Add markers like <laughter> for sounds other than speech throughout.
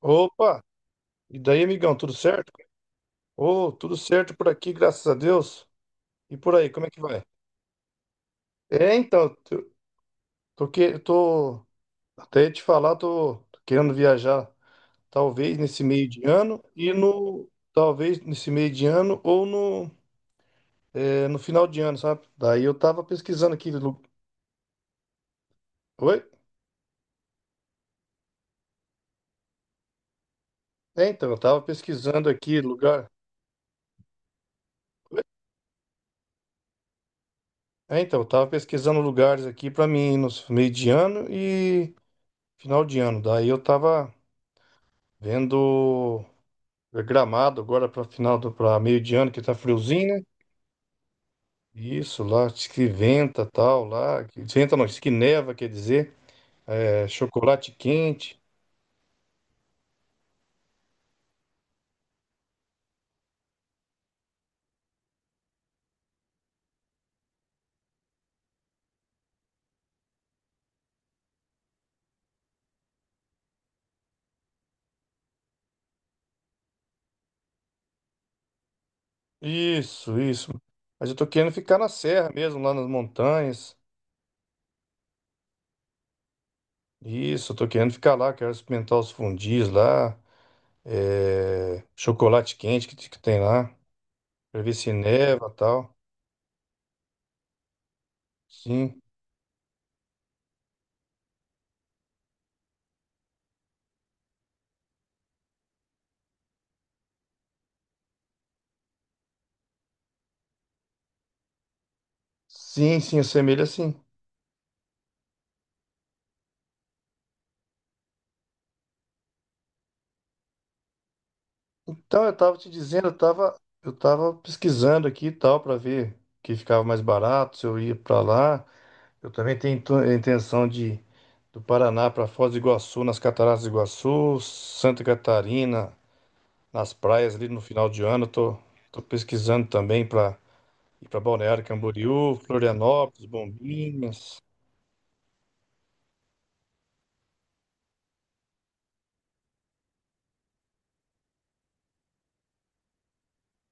Opa! E daí, amigão, tudo certo? Ô, tudo certo por aqui, graças a Deus. E por aí, como é que vai? É, então, tô, tô, que- eu tô- até ia te falar, tô querendo viajar, talvez nesse meio de ano e no, talvez nesse meio de ano ou no, no final de ano, sabe? Daí eu tava pesquisando aqui, oi? É, então, eu tava pesquisando aqui lugar. É, então, eu tava pesquisando lugares aqui pra mim ir no meio de ano e final de ano. Daí eu tava vendo. É Gramado agora para final do para meio de ano que tá friozinho, né? Isso lá, diz que venta tal, lá, que venta não, diz que neva, quer dizer, chocolate quente. Isso, isso. Mas eu tô querendo ficar na serra mesmo, lá nas montanhas. Isso, eu tô querendo ficar lá, quero experimentar os fundis lá, chocolate quente que tem lá, pra ver se neva tal. Sim, sim, sim, assemelha sim. Então, eu tava te dizendo, eu tava pesquisando aqui e tal para ver o que ficava mais barato, se eu ia para lá. Eu também tenho intenção de do Paraná para Foz do Iguaçu, nas Cataratas do Iguaçu, Santa Catarina, nas praias ali no final de ano. Eu tô pesquisando também para ir para Balneário Camboriú, Florianópolis, Bombinhas.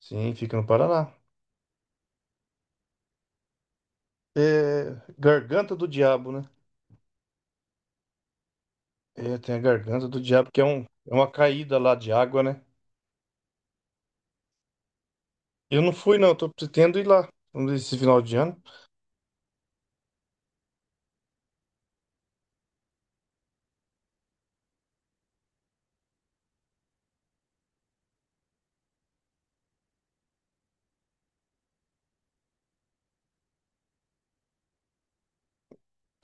Sim, fica no Paraná. É, Garganta do Diabo, né? É, tem a Garganta do Diabo, que é uma caída lá de água, né? Eu não fui, não. Tô pretendo ir lá nesse final de ano.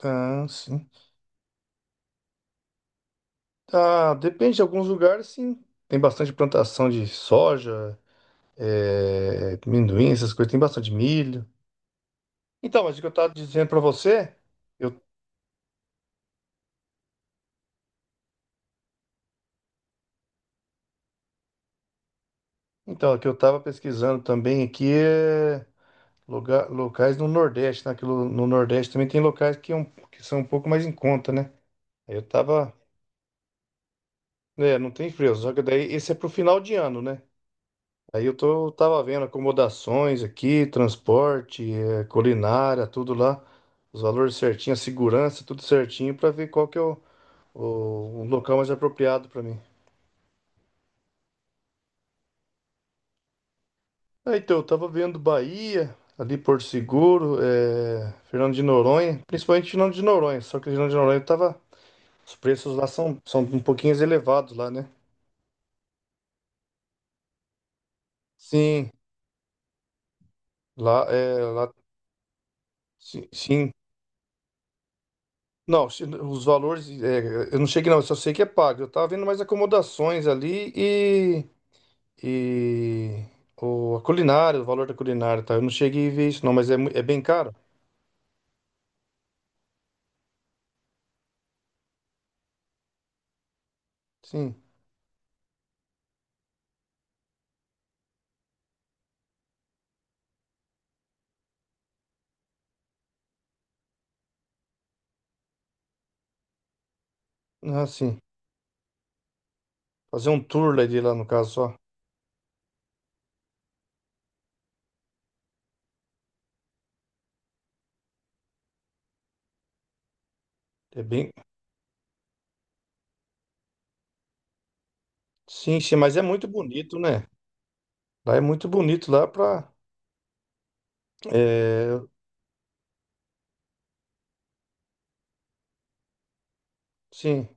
Ah, sim. Ah, depende de alguns lugares, sim. Tem bastante plantação de soja, amendoim, essas coisas. Tem bastante milho. Então, mas o que eu tava dizendo para você, eu, então, o que eu tava pesquisando também aqui é lugar, locais no Nordeste, né? Que no Nordeste também tem locais que são um pouco mais em conta, né? Aí Eu tava, né, não tem frio, só que daí esse é pro final de ano, né? Aí tava vendo acomodações aqui, transporte, culinária, tudo lá, os valores certinho, a segurança, tudo certinho, para ver qual que é o local mais apropriado para mim. É, então, eu tava vendo Bahia, ali Porto Seguro, Fernando de Noronha, principalmente Fernando de Noronha, só que Fernando de Noronha os preços lá são um pouquinho elevados lá, né? Sim, lá, sim, sim. Não, os valores, eu não cheguei não, eu só sei que é pago. Eu tava vendo mais acomodações ali e, e a culinária, o valor da culinária, tá? Eu não cheguei a ver isso não, mas é bem caro? Sim. Ah, sim. Fazer um tour lá de lá no caso só. É bem. Sim, sim, mas é muito bonito, né? Lá é muito bonito lá pra. É, sim,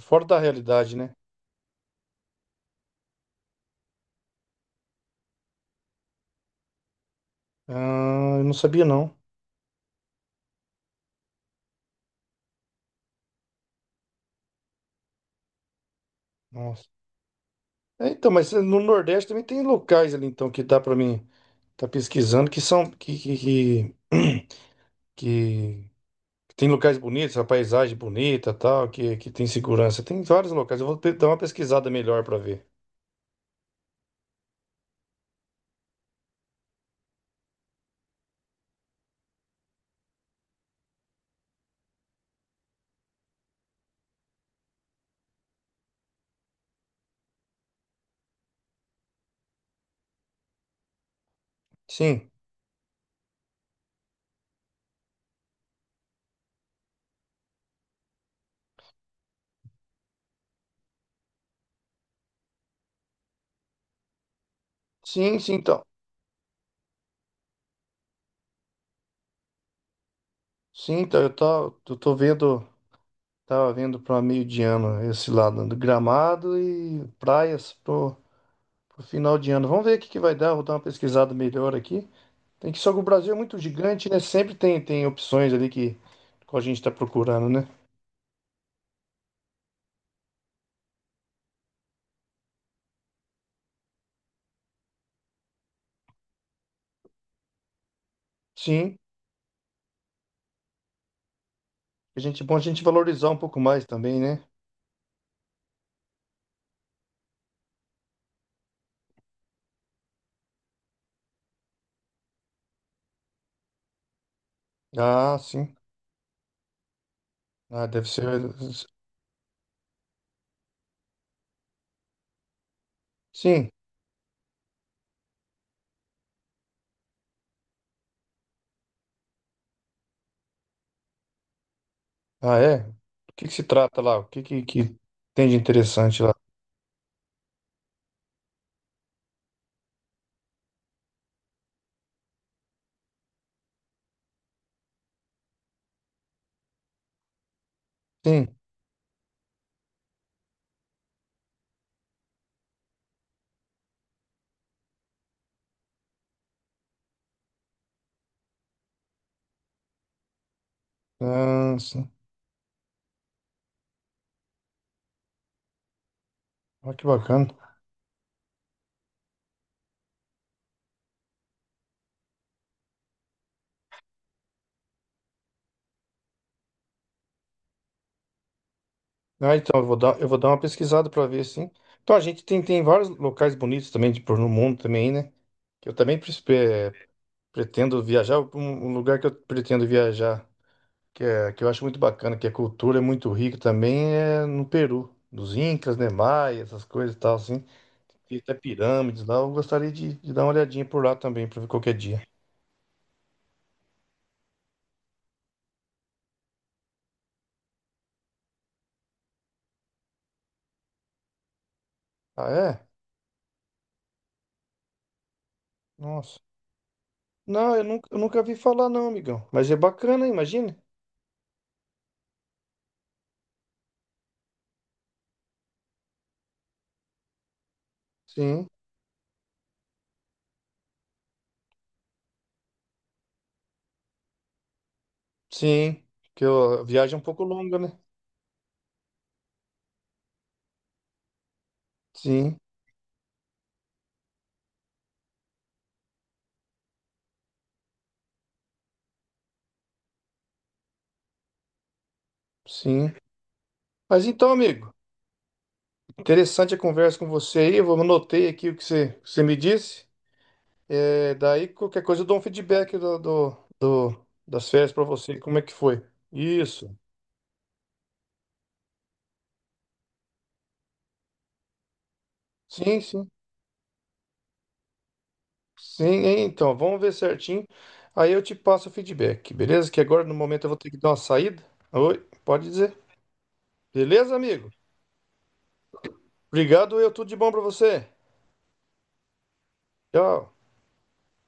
fora da realidade, né? Ah, eu não sabia não. Nossa. É, então, mas no Nordeste também tem locais ali então que dá pra mim. Tá pesquisando que são <clears throat> que tem locais bonitos, a paisagem bonita, tal, que tem segurança. Tem vários locais. Eu vou dar uma pesquisada melhor para ver. Sim. Sim, sim, então. Sim, então tava vendo para meio de ano esse lado do Gramado e praias pro, final de ano. Vamos ver o que que vai dar, vou dar uma pesquisada melhor aqui. Tem que só que o Brasil é muito gigante, né? Sempre tem opções ali que a gente está procurando, né? Sim. A gente bom a gente valorizar um pouco mais também, né? Ah, sim. Ah, deve ser. Sim. Ah, é? Do que se trata lá? O que, que tem de interessante lá? Sim. Ah, sim. Olha que bacana. Ah, então eu vou dar uma pesquisada para ver, sim. Então a gente tem vários locais bonitos também por no mundo também, né? Que eu também pretendo viajar. Um lugar que eu pretendo viajar, que é que eu acho muito bacana, que a cultura é muito rica também, é no Peru, dos Incas, né? Maia, essas coisas e tal, assim. Até pirâmides lá, eu gostaria de dar uma olhadinha por lá também, pra ver qualquer dia. Ah, é? Nossa. Não, eu nunca vi falar não, amigão. Mas é bacana, imagina. Sim, sim. Porque ó, a viagem é um pouco longa, né? Sim, sim. Mas então, amigo, interessante a conversa com você aí. Anotei aqui que você me disse. É, daí, qualquer coisa, eu dou um feedback do, das férias pra você, como é que foi. Isso. Sim, sim. Sim, então, vamos ver certinho. Aí eu te passo o feedback, beleza? Que agora no momento eu vou ter que dar uma saída. Oi, pode dizer. Beleza, amigo? Obrigado, eu tudo de bom pra você. Tchau.